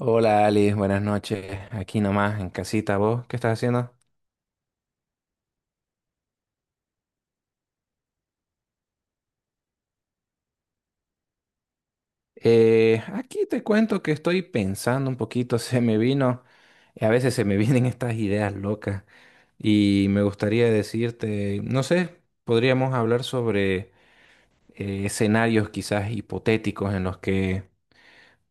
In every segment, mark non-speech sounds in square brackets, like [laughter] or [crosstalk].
Hola Alice, buenas noches. Aquí nomás en casita, ¿vos qué estás haciendo? Aquí te cuento que estoy pensando un poquito, [laughs] se me vino, a veces se me vienen estas ideas locas y me gustaría decirte, no sé, podríamos hablar sobre escenarios quizás hipotéticos en los que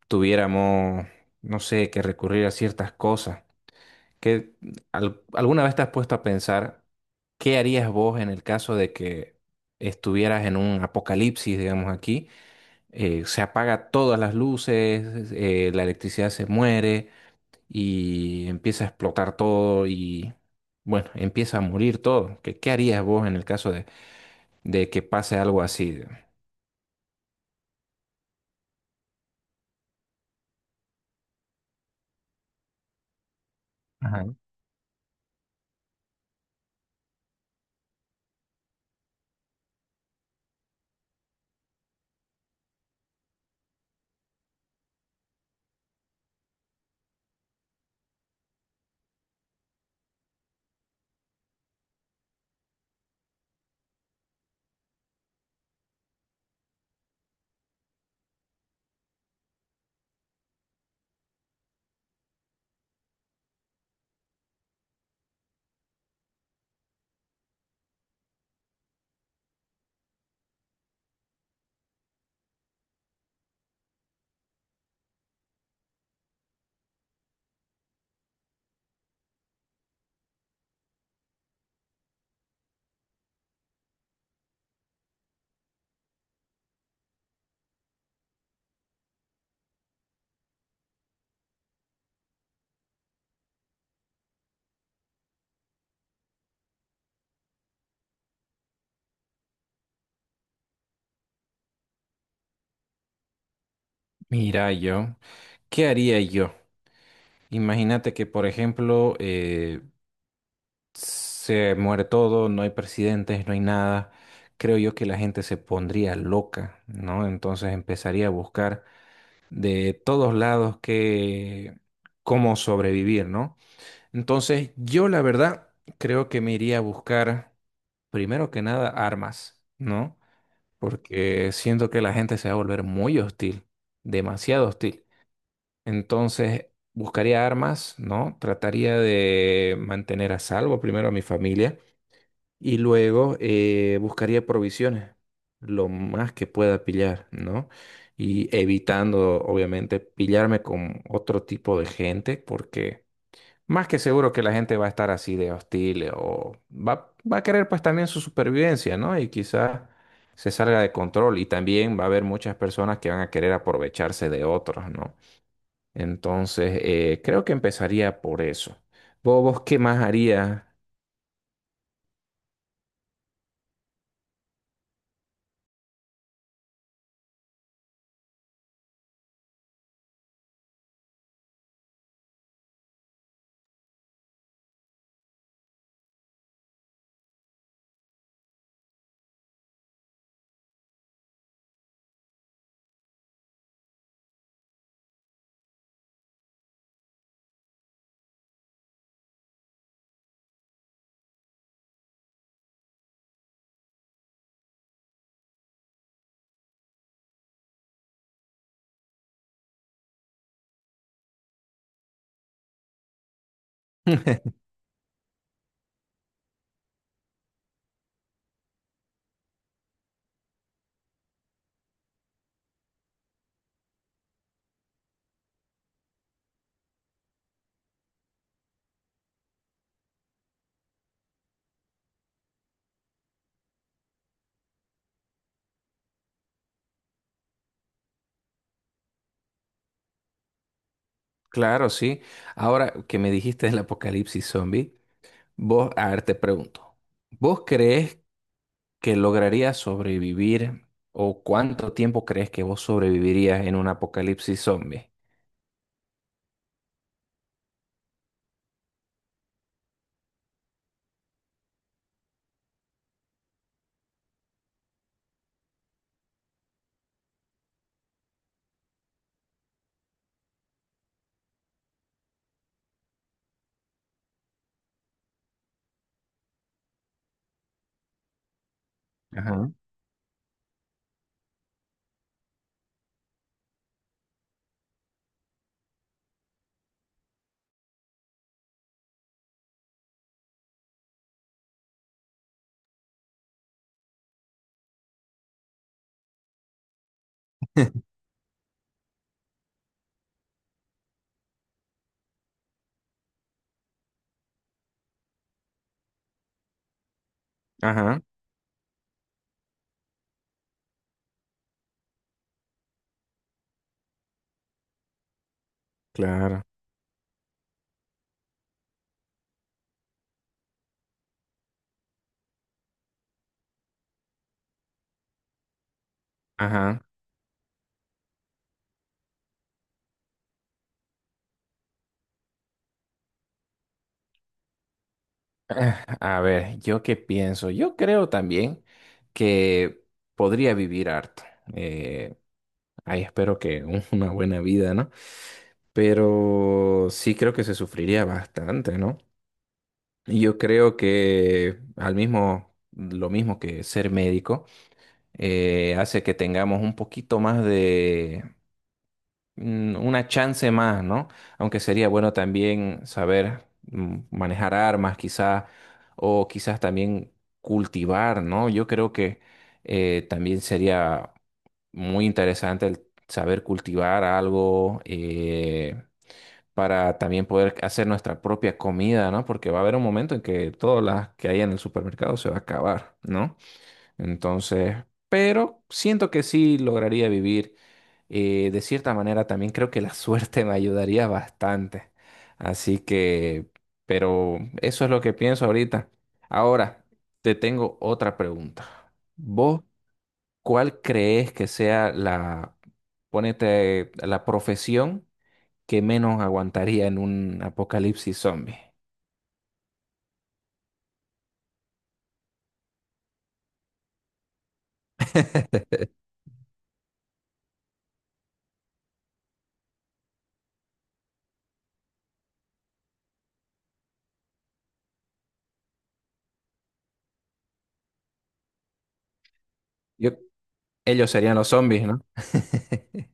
tuviéramos, no sé, que recurrir a ciertas cosas. ¿Qué- ¿Alguna vez te has puesto a pensar? ¿Qué harías vos en el caso de que estuvieras en un apocalipsis, digamos aquí? Se apaga todas las luces, la electricidad se muere y empieza a explotar todo y, bueno, empieza a morir todo. ¿Qué harías vos en el caso de que pase algo así? Ajá. Mira yo, ¿qué haría yo? Imagínate que, por ejemplo, se muere todo, no hay presidentes, no hay nada, creo yo que la gente se pondría loca, ¿no? Entonces empezaría a buscar de todos lados que cómo sobrevivir, ¿no? Entonces, yo la verdad creo que me iría a buscar primero que nada armas, ¿no? Porque siento que la gente se va a volver muy hostil, demasiado hostil. Entonces, buscaría armas, ¿no? Trataría de mantener a salvo primero a mi familia y luego buscaría provisiones, lo más que pueda pillar, ¿no? Y evitando, obviamente, pillarme con otro tipo de gente, porque más que seguro que la gente va a estar así de hostil o va a querer pues también su supervivencia, ¿no? Y quizás se salga de control y también va a haber muchas personas que van a querer aprovecharse de otros, ¿no? Entonces, creo que empezaría por eso. ¿Vos qué más harías? [laughs] Claro, sí. Ahora que me dijiste el apocalipsis zombie, vos, a ver, te pregunto, ¿vos crees que lograrías sobrevivir o cuánto tiempo crees que vos sobrevivirías en un apocalipsis zombie? Ajá. [laughs] Ajá, claro. Ajá. [sighs] Ah, a ver, ¿yo qué pienso? Yo creo también que podría vivir harto. Eh, ahí espero que una buena vida, ¿no? Pero sí creo que se sufriría bastante, ¿no? Yo creo que al mismo, lo mismo que ser médico, hace que tengamos un poquito más de una chance más, ¿no? Aunque sería bueno también saber manejar armas, quizá, o quizás también cultivar, ¿no? Yo creo que también sería muy interesante el saber cultivar algo. Para también poder hacer nuestra propia comida, ¿no? Porque va a haber un momento en que todas las que hay en el supermercado se va a acabar, ¿no? Entonces, pero siento que sí lograría vivir. De cierta manera, también creo que la [laughs] suerte me ayudaría bastante. Así que, pero eso es lo que pienso ahorita. Ahora, te tengo otra pregunta. ¿Vos cuál crees que sea la, ponete, la profesión que menos aguantaría en un apocalipsis zombie? Yo, ellos serían los zombies, ¿no? [laughs]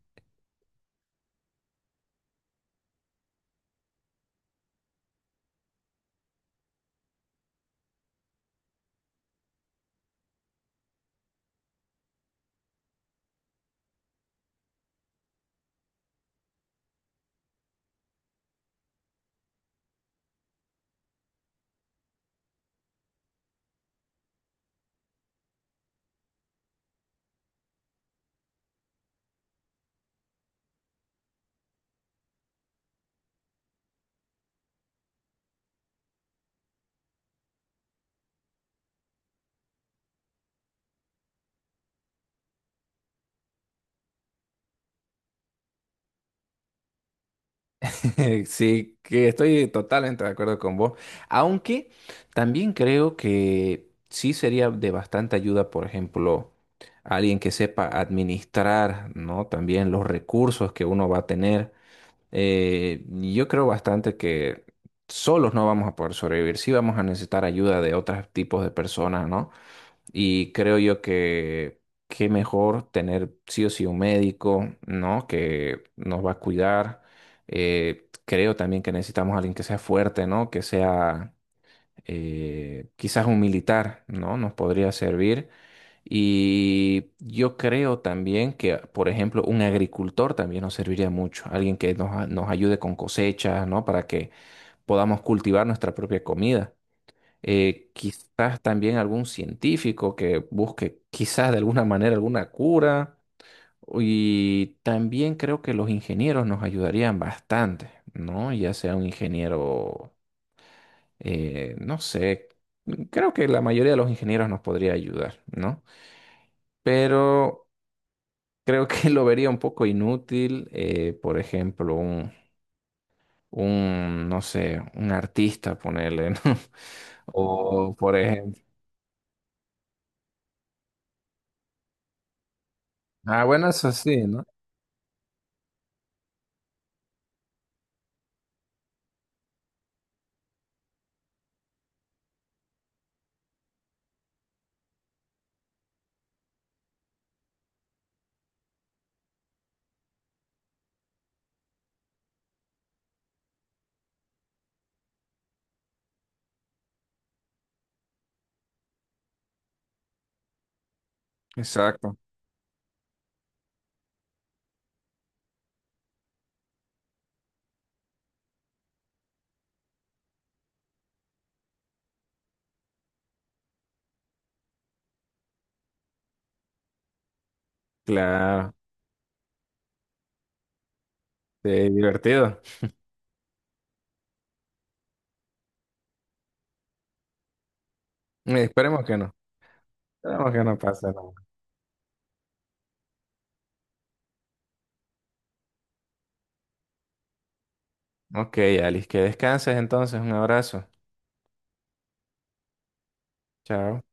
Sí, que estoy totalmente de acuerdo con vos. Aunque también creo que sí sería de bastante ayuda, por ejemplo, alguien que sepa administrar, ¿no? También los recursos que uno va a tener. Yo creo bastante que solos no vamos a poder sobrevivir. Sí vamos a necesitar ayuda de otros tipos de personas, ¿no? Y creo yo que qué mejor tener sí o sí un médico, ¿no? Que nos va a cuidar. Creo también que necesitamos a alguien que sea fuerte, ¿no? Que sea quizás un militar, ¿no? Nos podría servir. Y yo creo también que, por ejemplo, un agricultor también nos serviría mucho. Alguien que nos ayude con cosechas, ¿no? Para que podamos cultivar nuestra propia comida quizás también algún científico que busque quizás de alguna manera alguna cura. Y también creo que los ingenieros nos ayudarían bastante, ¿no? Ya sea un ingeniero, no sé, creo que la mayoría de los ingenieros nos podría ayudar, ¿no? Pero creo que [laughs] lo vería un poco inútil, por ejemplo, un, no sé, un artista, ponerle, ¿no? [laughs] O, por ejemplo, ah, bueno, eso sí, ¿no? Exacto. Claro, sí, divertido. Esperemos que no. Esperemos que no pase nada. Ok, Alice, que descanses entonces. Un abrazo. Chao.